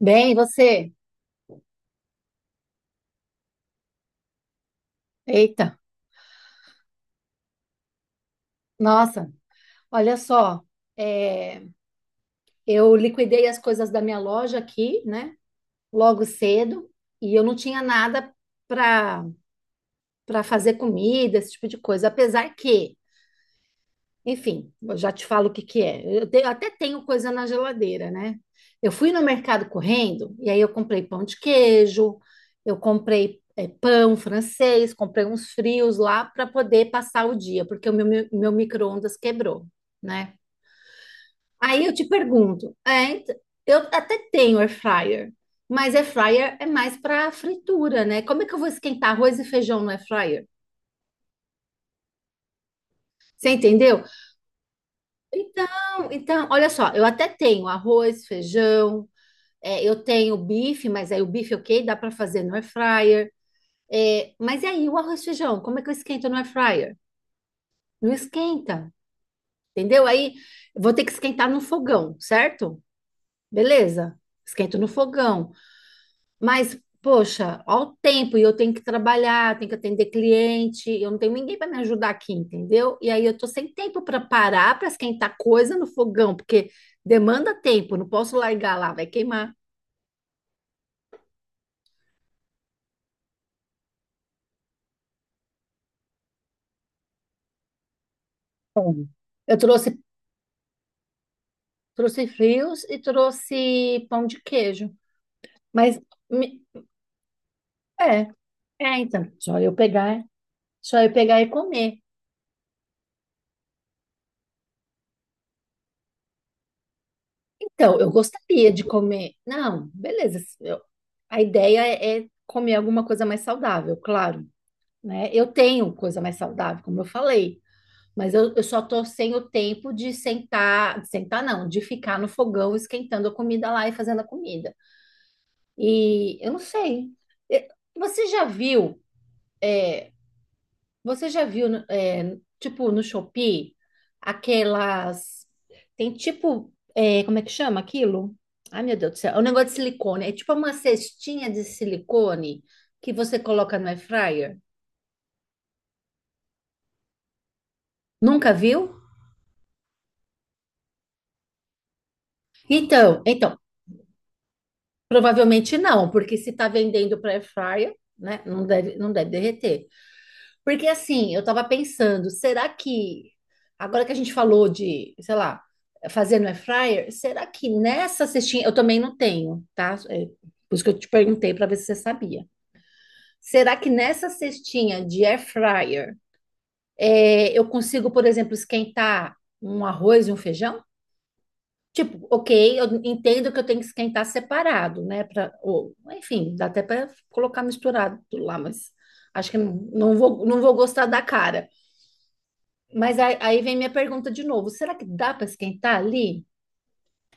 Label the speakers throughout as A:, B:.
A: Bem, e você? Eita, nossa, olha só, é, eu liquidei as coisas da minha loja aqui, né, logo cedo, e eu não tinha nada para para fazer comida, esse tipo de coisa, apesar que enfim, eu já te falo o que que é. Até tenho coisa na geladeira, né? Eu fui no mercado correndo e aí eu comprei pão de queijo, eu comprei pão francês, comprei uns frios lá para poder passar o dia, porque o meu micro-ondas quebrou, né? Aí eu te pergunto, eu até tenho air fryer, mas air fryer é mais para fritura, né? Como é que eu vou esquentar arroz e feijão no air fryer? Você entendeu? Então, olha só, eu até tenho arroz, feijão, eu tenho bife, mas aí o bife, ok, dá para fazer no air fryer. É, mas e aí o arroz e feijão, como é que eu esquento no air fryer? Não esquenta, entendeu? Aí eu vou ter que esquentar no fogão, certo? Beleza, esquento no fogão. Mas, poxa, ao tempo, e eu tenho que trabalhar, tenho que atender cliente, eu não tenho ninguém para me ajudar aqui, entendeu? E aí eu tô sem tempo para parar para esquentar coisa no fogão, porque demanda tempo, não posso largar lá, vai queimar. Bom, Eu trouxe frios e trouxe pão de queijo. Mas me- é, então, só eu pegar e comer. Então, eu gostaria de comer. Não, beleza. A ideia é, comer alguma coisa mais saudável, claro. Né? Eu tenho coisa mais saudável, como eu falei, mas eu só tô sem o tempo de sentar não, de ficar no fogão esquentando a comida lá e fazendo a comida. E eu não sei. Eh, Você já viu, eh, você já viu, tipo, no Shopee, aquelas, tem tipo, como é que chama aquilo? Ai, meu Deus do céu, é um negócio de silicone, é tipo uma cestinha de silicone que você coloca no air fryer. Nunca viu? Então, então, Provavelmente não, porque se está vendendo para air fryer, né, não deve derreter. Porque assim, eu estava pensando, será que agora que a gente falou de, sei lá, fazer no air fryer, será que nessa cestinha eu também não tenho, tá? É, por isso que eu te perguntei para ver se você sabia. Será que nessa cestinha de air fryer eu consigo, por exemplo, esquentar um arroz e um feijão? Tipo, ok, eu entendo que eu tenho que esquentar separado, né? Pra, ou, enfim, dá até para colocar misturado lá, mas acho que não, não vou gostar da cara. Mas aí, aí vem minha pergunta de novo: será que dá para esquentar ali?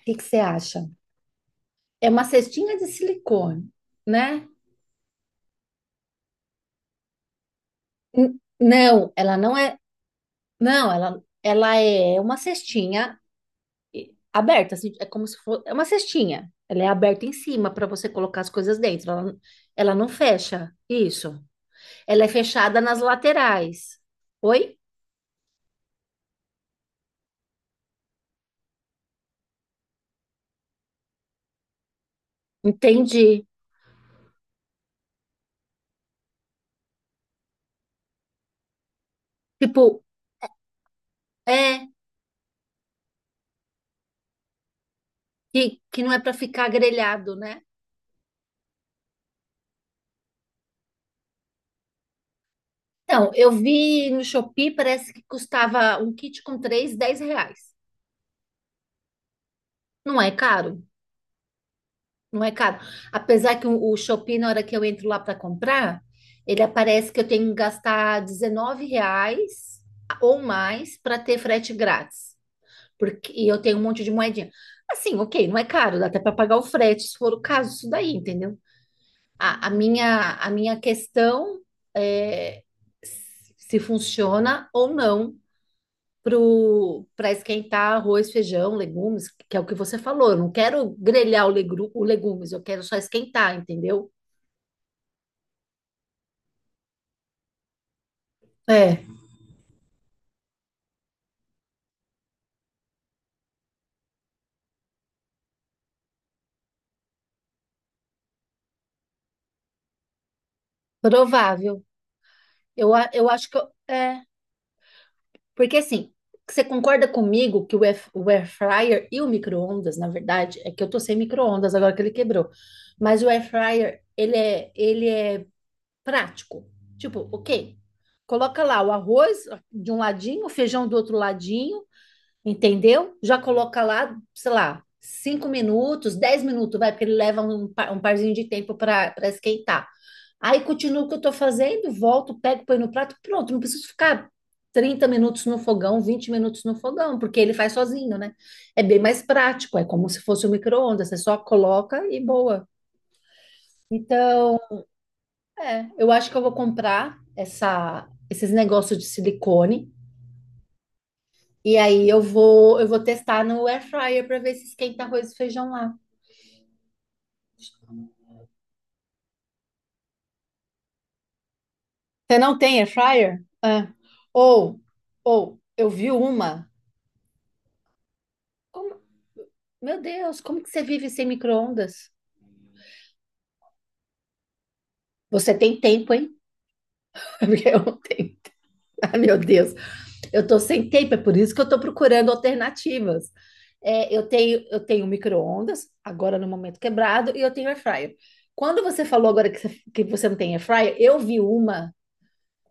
A: O que que você acha? É uma cestinha de silicone, né? Não, ela não é. Não, ela é uma cestinha aberta, assim, é como se fosse. É uma cestinha. Ela é aberta em cima para você colocar as coisas dentro. Ela não fecha. Isso. Ela é fechada nas laterais. Oi? Entendi. Tipo, é, que não é para ficar grelhado, né? Então, eu vi no Shopee, parece que custava um kit com três, R$10. Não é caro, não é caro. Apesar que o Shopee, na hora que eu entro lá para comprar, ele aparece que eu tenho que gastar R$19 ou mais para ter frete grátis. Porque e eu tenho um monte de moedinha. Assim, ok, não é caro, dá até para pagar o frete, se for o caso, isso daí, entendeu? A minha questão é se funciona ou não para esquentar arroz, feijão, legumes, que é o que você falou. Eu não quero grelhar o legumes, eu quero só esquentar, entendeu? É, provável. Eu acho que porque assim, você concorda comigo que o o air fryer e o micro-ondas, na verdade, é que eu tô sem micro-ondas agora que ele quebrou. Mas o air fryer, ele é prático. Tipo, ok, coloca lá o arroz de um ladinho, o feijão do outro ladinho, entendeu? Já coloca lá, sei lá, 5 minutos, 10 minutos, vai, porque ele leva um parzinho de tempo para esquentar. Aí continuo o que eu estou fazendo, volto, pego, põe no prato, pronto, não preciso ficar 30 minutos no fogão, 20 minutos no fogão, porque ele faz sozinho, né? É bem mais prático, é como se fosse um micro-ondas, você só coloca e boa. Então, é, eu acho que eu vou comprar essa, esses negócios de silicone e aí eu vou testar no air fryer para ver se esquenta arroz e feijão lá. Você não tem air fryer? É. Ou ou eu vi uma. Como- Meu Deus, como que você vive sem micro-ondas? Você tem tempo, hein? Porque eu não tenho. Ai, meu Deus. Eu tô sem tempo, é por isso que eu tô procurando alternativas. Eu tenho micro-ondas, agora no momento quebrado, e eu tenho air fryer. Quando você falou agora que você, não tem air fryer, eu vi uma.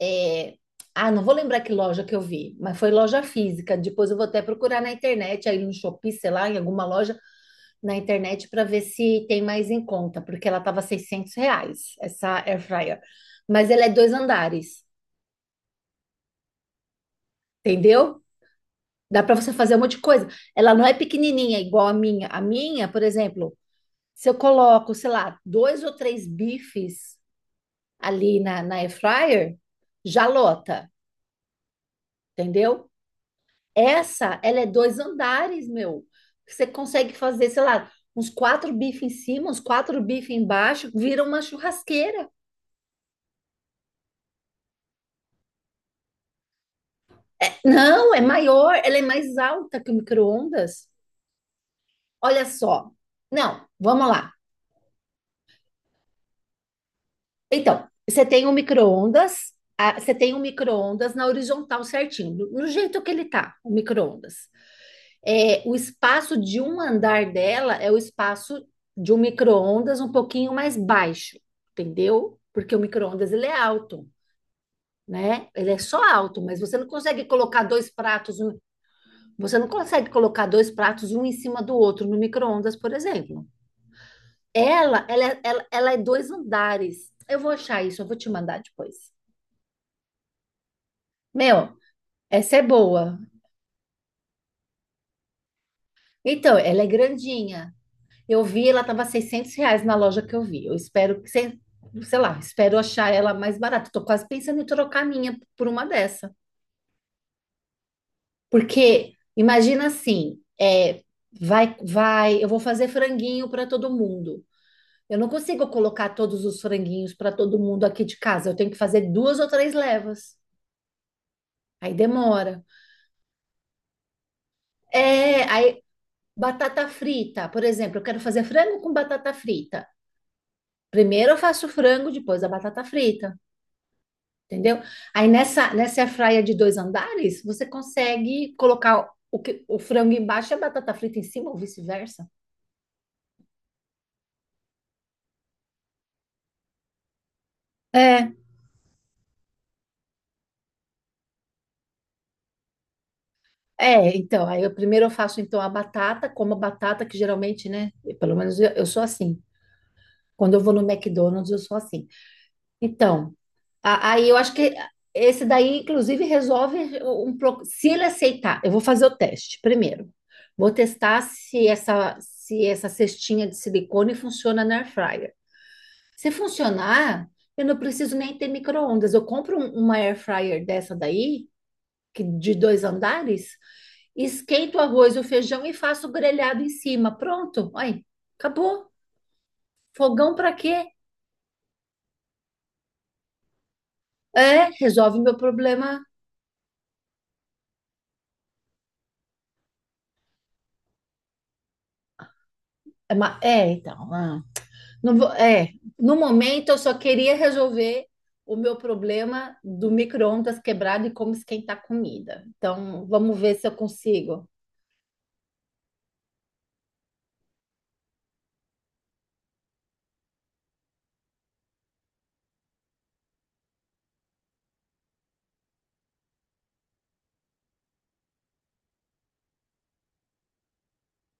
A: é, Ah, não vou lembrar que loja que eu vi, mas foi loja física. Depois eu vou até procurar na internet, aí no Shopee, sei lá, em alguma loja na internet, para ver se tem mais em conta, porque ela tava R$600, essa air fryer. Mas ela é dois andares, entendeu? Dá para você fazer um monte de coisa. Ela não é pequenininha igual a minha. A minha, por exemplo, se eu coloco, sei lá, dois ou três bifes ali na air fryer, já lota, entendeu? Essa, ela é dois andares, meu. Você consegue fazer, sei lá, uns quatro bifes em cima, uns quatro bifes embaixo, vira uma churrasqueira. Não, é maior, ela é mais alta que o micro-ondas. Olha só. Não, vamos lá. Então, você tem um micro-ondas, você tem um micro-ondas na horizontal certinho, no jeito que ele tá, o micro-ondas. É, o espaço de um andar dela é o espaço de um micro-ondas um pouquinho mais baixo, entendeu? Porque o micro-ondas ele é alto, né? Ele é só alto, mas você não consegue colocar dois pratos, você não consegue colocar dois pratos um em cima do outro no micro-ondas, por exemplo. Ela é dois andares. Eu vou achar isso, eu vou te mandar depois. Meu, essa é boa. Então, ela é grandinha. Eu vi, ela tava R$600 na loja que eu vi. Eu espero que, sei lá, espero achar ela mais barata. Tô quase pensando em trocar a minha por uma dessa. Porque, imagina assim, é, eu vou fazer franguinho para todo mundo. Eu não consigo colocar todos os franguinhos para todo mundo aqui de casa. Eu tenho que fazer duas ou três levas. Aí demora. É, aí batata frita, por exemplo, eu quero fazer frango com batata frita. Primeiro eu faço o frango, depois a batata frita, entendeu? Aí nessa airfryer de dois andares, você consegue colocar o frango embaixo e a batata frita em cima ou vice-versa. É, então, aí eu primeiro eu faço então a batata, como a batata que geralmente, né, pelo menos eu sou assim. Quando eu vou no McDonald's, eu sou assim. Então, aí eu acho que esse daí, inclusive, resolve um pouco. Se ele aceitar, eu vou fazer o teste primeiro. Vou testar se se essa cestinha de silicone funciona na air fryer. Se funcionar, eu não preciso nem ter micro-ondas. Eu compro uma air fryer dessa daí, que de dois andares, esquento o arroz e o feijão e faço o grelhado em cima. Pronto. Aí, acabou. Fogão para quê? É, resolve meu problema. É, ma- é, então. ah. No momento eu só queria resolver o meu problema do micro-ondas quebrado e como esquentar comida. Então, vamos ver se eu consigo.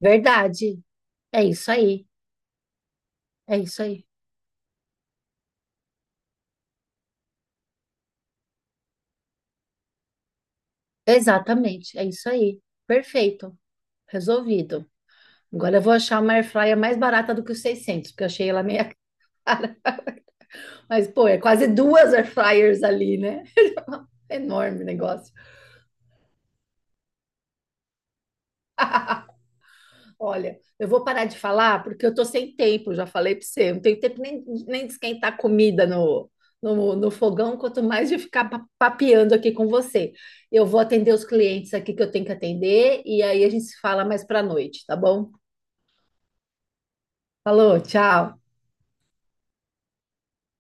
A: Verdade. É isso aí. É isso aí. Exatamente. É isso aí. Perfeito. Resolvido. Agora eu vou achar uma air fryer mais barata do que os 600 porque eu achei ela meia. Mas, pô, é quase duas air fryers ali, né? Enorme o negócio. Olha, eu vou parar de falar porque eu tô sem tempo, já falei para você. Eu não tenho tempo nem, nem de esquentar comida no fogão, quanto mais de ficar papeando aqui com você. Eu vou atender os clientes aqui que eu tenho que atender e aí a gente se fala mais para noite, tá bom? Falou, tchau.